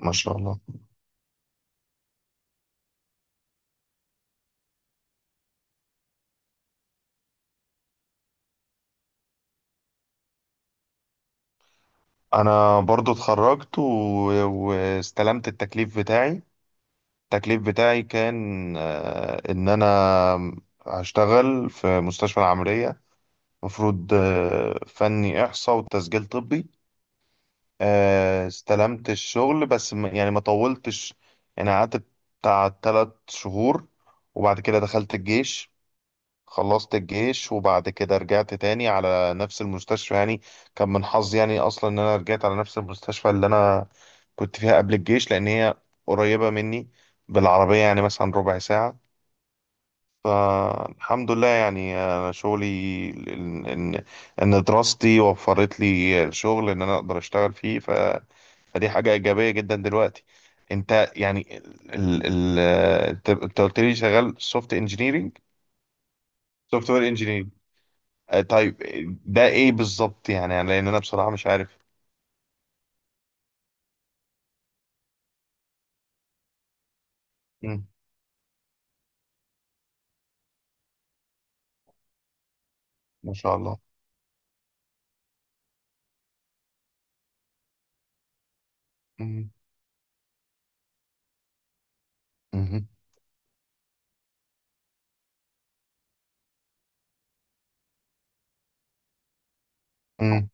ما شاء الله. انا برضو اتخرجت واستلمت التكليف بتاعي. التكليف بتاعي كان ان انا هشتغل في مستشفى العملية. مفروض فني احصاء وتسجيل طبي. استلمت الشغل بس يعني ما طولتش. يعني قعدت بتاع 3 شهور، وبعد كده دخلت الجيش. خلصت الجيش وبعد كده رجعت تاني على نفس المستشفى يعني. كان من حظي يعني اصلا ان انا رجعت على نفس المستشفى اللي انا كنت فيها قبل الجيش، لان هي قريبة مني بالعربية، يعني مثلا ربع ساعة. فالحمد لله يعني انا شغلي، ان ان إن دراستي وفرت لي شغل ان انا اقدر اشتغل فيه، فدي حاجة ايجابية جدا دلوقتي. انت يعني، ال ال آه، انت أنت قلت لي شغال سوفت انجينيرنج، سوفت وير. طيب، ده ايه بالظبط يعني؟ لان انا بصراحه مش عارف. مم. ما شاء الله. مم. مم. مم.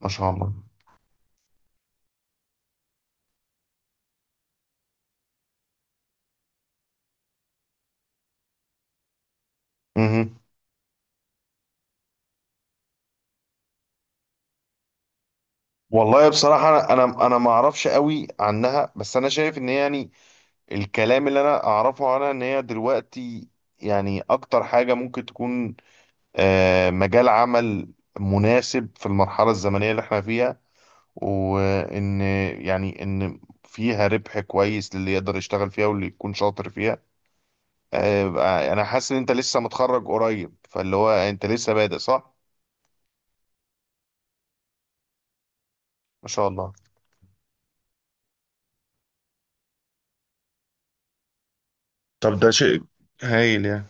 ما شاء الله. مم. والله بصراحه انا ما اعرفش قوي عنها، بس انا شايف ان هي يعني الكلام اللي انا اعرفه عنها، ان هي دلوقتي يعني اكتر حاجه ممكن تكون مجال عمل مناسب في المرحله الزمنيه اللي احنا فيها، وان يعني ان فيها ربح كويس للي يقدر يشتغل فيها واللي يكون شاطر فيها. انا حاسس ان انت لسه متخرج قريب، فاللي هو انت لسه بادئ، صح؟ ما شاء الله. طب ده شيء هايل يعني.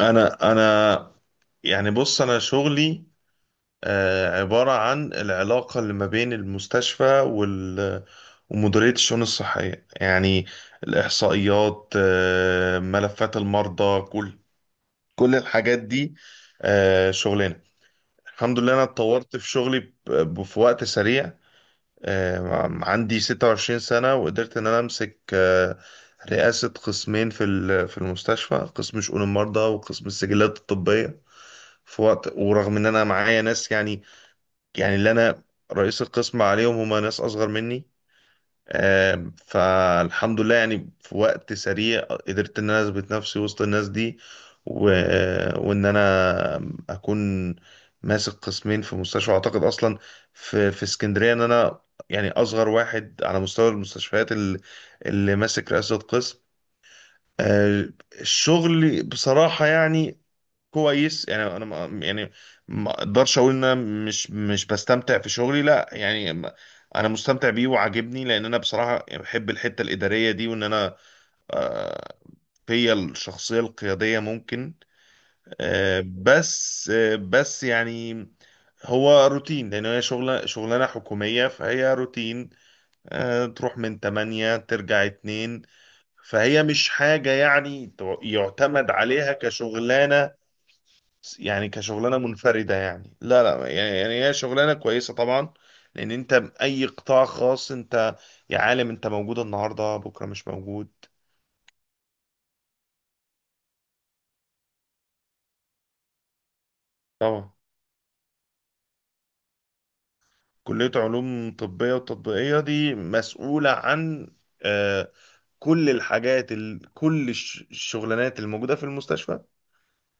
انا يعني بص، انا شغلي عبارة عن العلاقة اللي ما بين المستشفى ومديرية الشؤون الصحية يعني، الإحصائيات، ملفات المرضى، كل الحاجات دي. شغلنا، الحمد لله. أنا اتطورت في شغلي في وقت سريع. عندي 26 سنة، وقدرت إن أنا أمسك رئاسة قسمين في المستشفى، قسم شؤون المرضى وقسم السجلات الطبية، في وقت. ورغم إن أنا معايا ناس يعني، اللي أنا رئيس القسم عليهم هما ناس أصغر مني. فالحمد لله يعني في وقت سريع قدرت ان انا اثبت نفسي وسط الناس دي، و... وان انا اكون ماسك قسمين في مستشفى. اعتقد اصلا في اسكندريه ان انا يعني اصغر واحد على مستوى المستشفيات اللي ماسك رئاسه قسم. آه، الشغل بصراحه يعني كويس، يعني انا، ما يعني، ما اقدرش اقول ان انا مش بستمتع في شغلي، لا يعني، انا مستمتع بيه وعاجبني، لان انا بصراحه بحب الحته الاداريه دي، وان انا آه، فيا الشخصيه القياديه ممكن. بس يعني، هو روتين، لان هي شغلانه حكوميه فهي روتين. تروح من 8 ترجع 2، فهي مش حاجه يعني تعتمد عليها كشغلانه، يعني كشغلانه منفرده. يعني لا لا، يعني هي شغلانه كويسه طبعا. لان انت، اي قطاع خاص انت يا عالم، انت موجود النهارده بكره مش موجود. طبعا. كليه علوم طبيه وتطبيقيه دي مسؤوله عن آه، كل الحاجات، كل الشغلانات الموجوده في المستشفى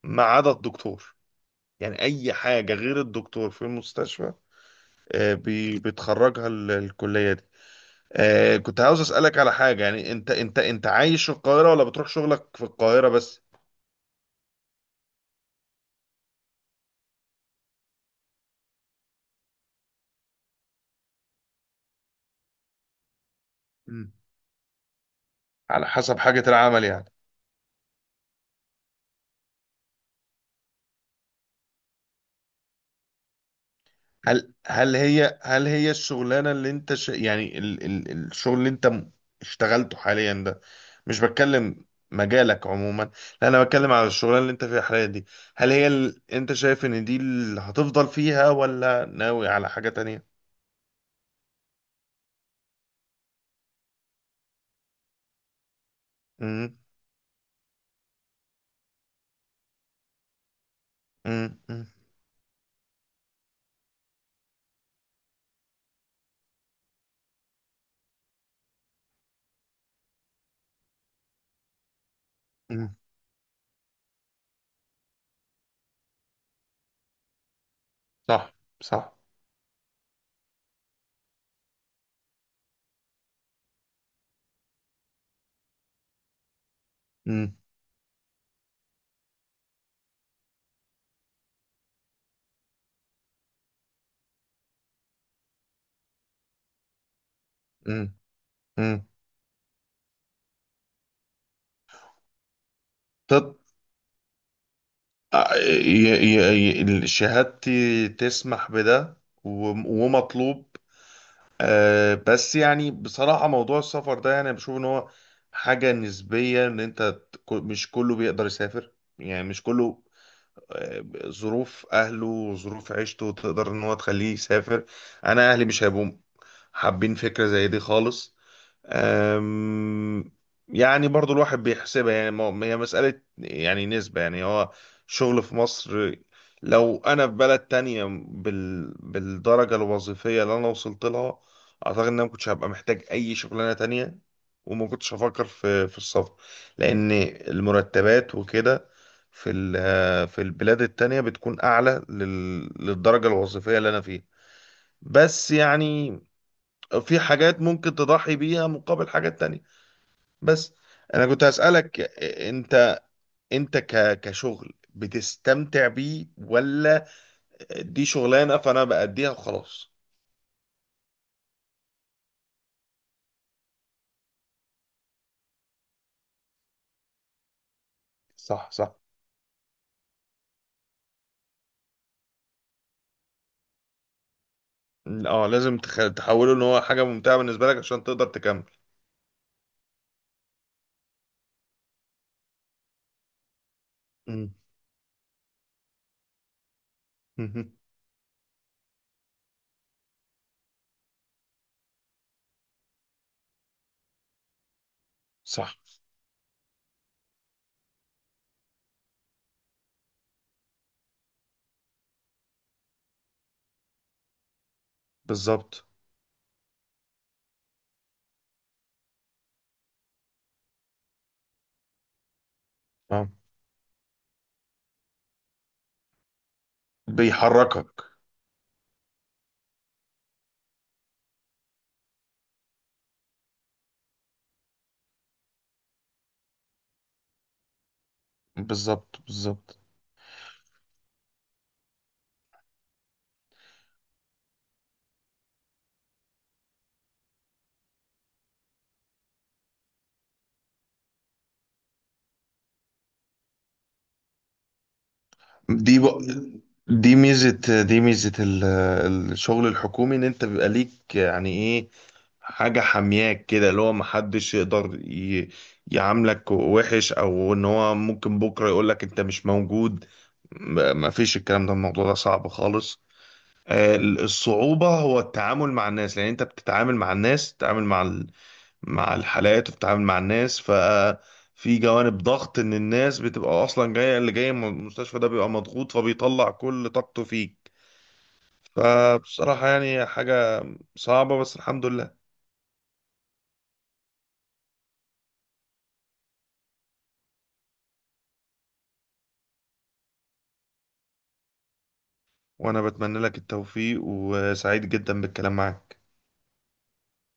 ما عدا الدكتور. يعني اي حاجه غير الدكتور في المستشفى بتخرجها الكليه دي. كنت عاوز اسالك على حاجه، يعني انت عايش في القاهره، ولا بتروح شغلك في القاهره بس؟ مم. على حسب حاجه العمل يعني. هل هي الشغلانه اللي انت، يعني، الشغل اللي انت اشتغلته حاليا ده، مش بتكلم مجالك عموما، لا انا بتكلم على الشغلانه اللي انت فيها حاليا دي، انت شايف ان دي اللي هتفضل فيها ولا ناوي على حاجه تانية؟ امم. امم. امم. صح صح. امم. امم. شهادتي تسمح بده، ومطلوب. بس يعني بصراحة موضوع السفر ده، يعني بشوف ان هو حاجة نسبية، ان انت، مش كله بيقدر يسافر، يعني مش كله. ظروف اهله وظروف عيشته تقدر ان هو تخليه يسافر. انا اهلي مش هيبقوا حابين فكرة زي دي خالص. أم، يعني برضو الواحد بيحسبها، يعني، هي مسألة يعني نسبة، يعني هو شغل في مصر. لو أنا في بلد تانية بالدرجة الوظيفية اللي أنا وصلت لها، أعتقد إن أنا ما كنتش هبقى محتاج أي شغلانة تانية، وما كنتش هفكر في السفر، لأن المرتبات وكده في البلاد التانية بتكون أعلى للدرجة الوظيفية اللي أنا فيها. بس يعني في حاجات ممكن تضحي بيها مقابل حاجات تانية. بس انا كنت هسألك، انت انت كشغل بتستمتع بيه، ولا دي شغلانة فانا بأديها وخلاص؟ صح صح. اه، لازم تحوله ان هو حاجة ممتعة بالنسبة لك عشان تقدر تكمل. مم. مم. صح، بالظبط. آه. بيحركك. بالظبط بالظبط. دي بق... دي ميزة الشغل الحكومي، ان انت بيبقى ليك يعني ايه، حاجة حمياك كده، اللي هو محدش يقدر يعاملك وحش، او ان هو ممكن بكرة يقولك انت مش موجود. مفيش الكلام ده، الموضوع ده صعب خالص. الصعوبة هو التعامل مع الناس، لأن أنت بتتعامل مع الناس، بتتعامل مع الحالات، وبتتعامل مع الناس. ففي جوانب ضغط، إن الناس بتبقى أصلا جاية، اللي جاي من المستشفى ده بيبقى مضغوط فبيطلع كل طاقته فيك. فبصراحة يعني حاجة صعبة، بس الحمد لله. وأنا بتمنى لك التوفيق، وسعيد جدا بالكلام معاك.